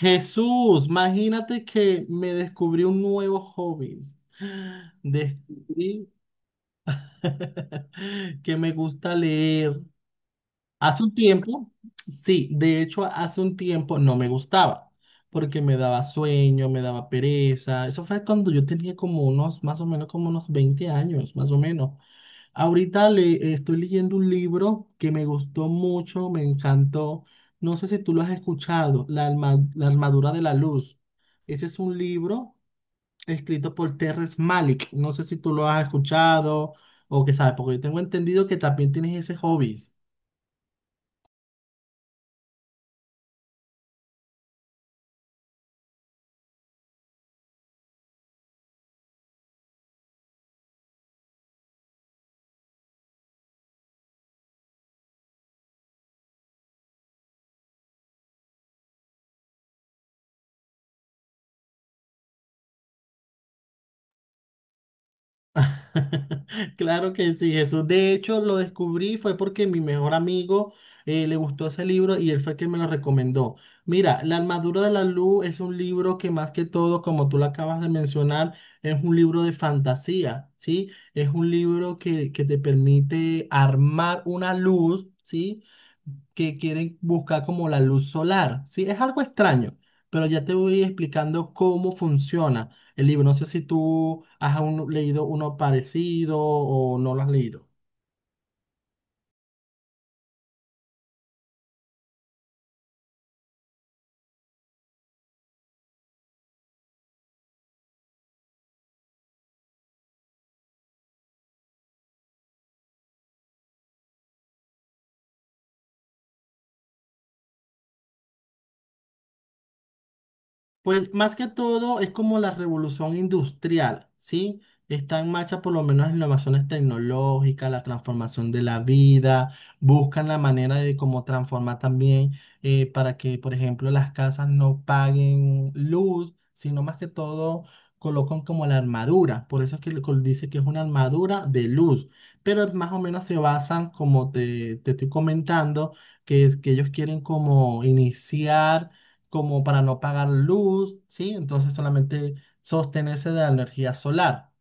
Jesús, imagínate que me descubrí un nuevo hobby. Descubrí que me gusta leer. Hace un tiempo, sí, de hecho hace un tiempo no me gustaba, porque me daba sueño, me daba pereza. Eso fue cuando yo tenía como unos, más o menos como unos 20 años, más o menos. Ahorita le estoy leyendo un libro que me gustó mucho, me encantó. No sé si tú lo has escuchado, La armadura de la luz. Ese es un libro escrito por Terrence Malick. No sé si tú lo has escuchado o qué sabes, porque yo tengo entendido que también tienes ese hobby. Claro que sí, Jesús. De hecho, lo descubrí fue porque mi mejor amigo le gustó ese libro y él fue quien me lo recomendó. Mira, La armadura de la luz es un libro que más que todo, como tú lo acabas de mencionar, es un libro de fantasía, ¿sí? Es un libro que te permite armar una luz, ¿sí? que quieren buscar como la luz solar. Sí, es algo extraño, pero ya te voy explicando cómo funciona el libro. No sé si tú has aún leído uno parecido o no lo has leído. Pues más que todo es como la revolución industrial, ¿sí? Está en marcha por lo menos las innovaciones tecnológicas, la transformación de la vida, buscan la manera de cómo transformar también para que, por ejemplo, las casas no paguen luz, sino más que todo colocan como la armadura, por eso es que dice que es una armadura de luz, pero más o menos se basan, como te estoy comentando, que ellos quieren como iniciar como para no pagar luz, ¿sí? Entonces solamente sostenerse de la energía solar.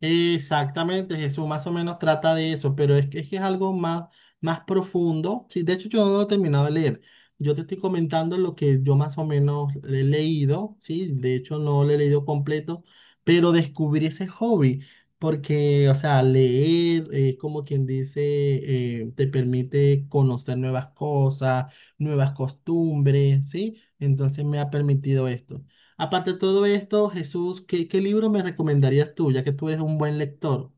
Exactamente, Jesús más o menos trata de eso, pero es que es algo más, más profundo. Sí, de hecho, yo no lo he terminado de leer. Yo te estoy comentando lo que yo más o menos he leído, sí, de hecho no lo he leído completo, pero descubrí ese hobby, porque, o sea, leer, como quien dice, te permite conocer nuevas cosas, nuevas costumbres, ¿sí? Entonces me ha permitido esto. Aparte de todo esto, Jesús, ¿qué libro me recomendarías tú, ya que tú eres un buen lector?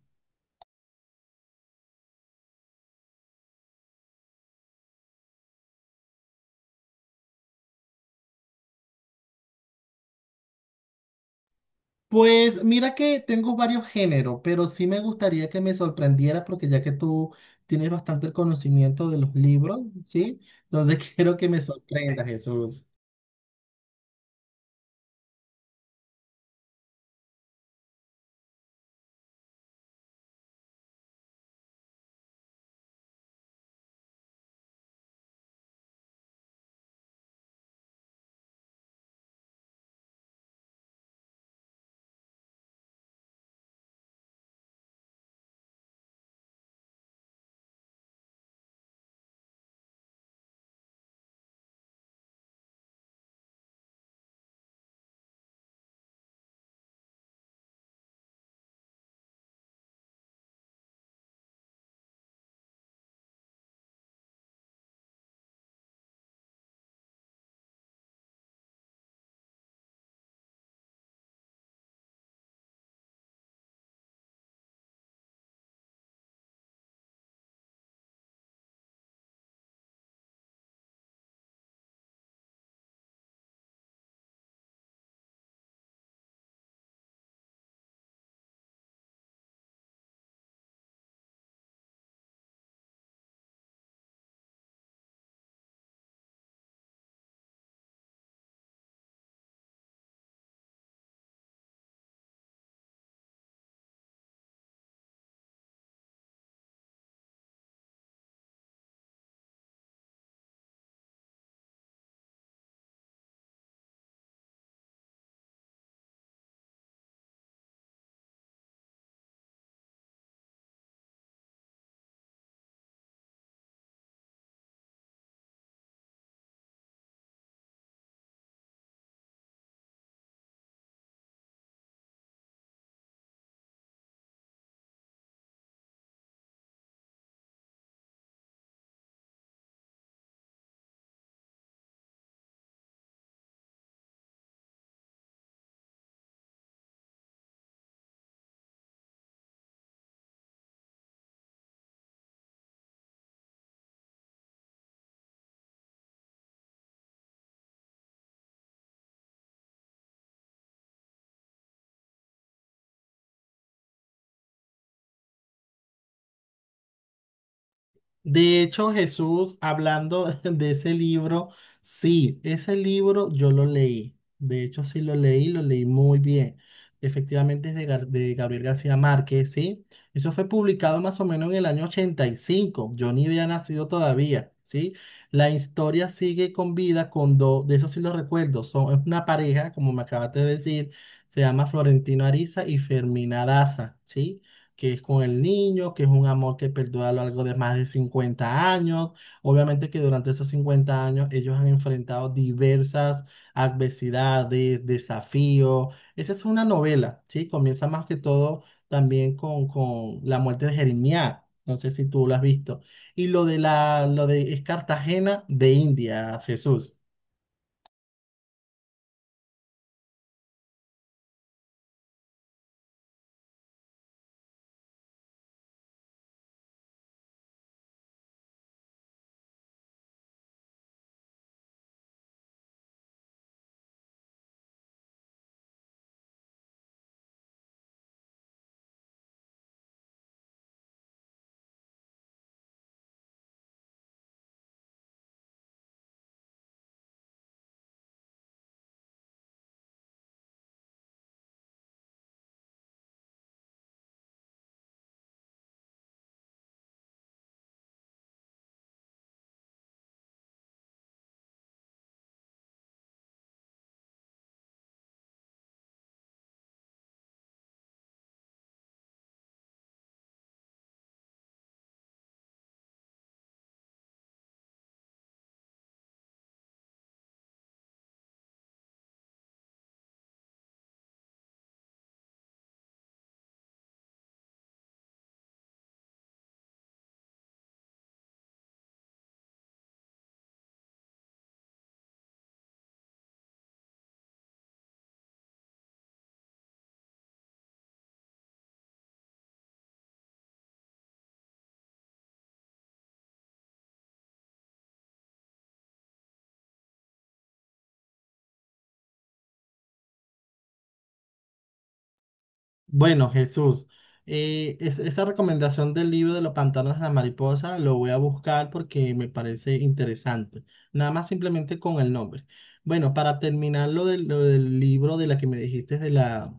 Pues mira que tengo varios géneros, pero sí me gustaría que me sorprendieras porque ya que tú tienes bastante el conocimiento de los libros, ¿sí? Entonces quiero que me sorprendas, Jesús. De hecho, Jesús, hablando de ese libro, sí, ese libro yo lo leí. De hecho, sí lo leí muy bien. Efectivamente, es de Gabriel García Márquez, ¿sí? Eso fue publicado más o menos en el año ochenta y cinco. Yo ni había nacido todavía, ¿sí? La historia sigue con vida con dos, de eso sí lo recuerdo. Es una pareja, como me acabaste de decir, se llama Florentino Ariza y Fermina Daza, ¿sí? que es con el niño, que es un amor que perdura a lo largo de más de 50 años. Obviamente que durante esos 50 años ellos han enfrentado diversas adversidades, desafíos. Esa es una novela, ¿sí? Comienza más que todo también con la muerte de Jeremías. No sé si tú lo has visto. Y lo de lo de es Cartagena de India, Jesús. Bueno, Jesús, esa recomendación del libro de los pantanos de la mariposa lo voy a buscar porque me parece interesante. Nada más simplemente con el nombre. Bueno, para terminar lo del libro de la que me dijiste de la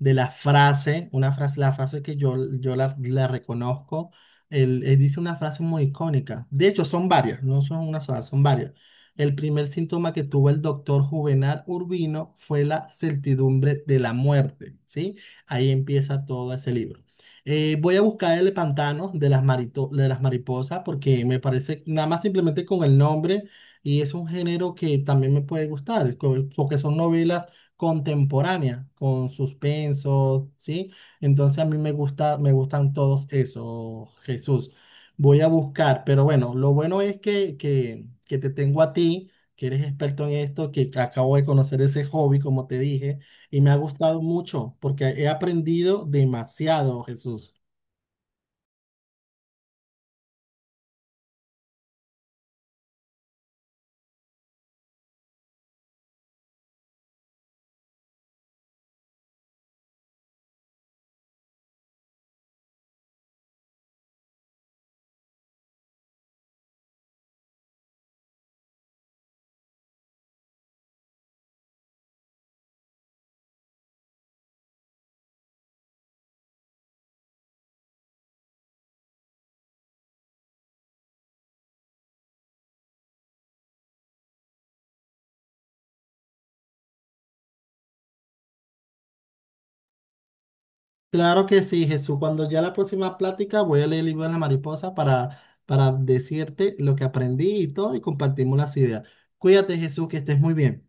de la frase, la frase que la reconozco, él dice una frase muy icónica. De hecho, son varias, no son una sola, son varias. El primer síntoma que tuvo el doctor Juvenal Urbino fue la certidumbre de la muerte, ¿sí? Ahí empieza todo ese libro. Voy a buscar el pantano de de las mariposas porque me parece, nada más simplemente con el nombre, y es un género que también me puede gustar, porque son novelas contemporánea, con suspenso, ¿sí? Entonces a mí me gusta, me gustan todos esos, Jesús. Voy a buscar, pero bueno, lo bueno es que te tengo a ti, que eres experto en esto, que acabo de conocer ese hobby, como te dije, y me ha gustado mucho porque he aprendido demasiado, Jesús. Claro que sí, Jesús. Cuando ya la próxima plática voy a leer el libro de la mariposa para decirte lo que aprendí y todo y compartimos las ideas. Cuídate, Jesús, que estés muy bien.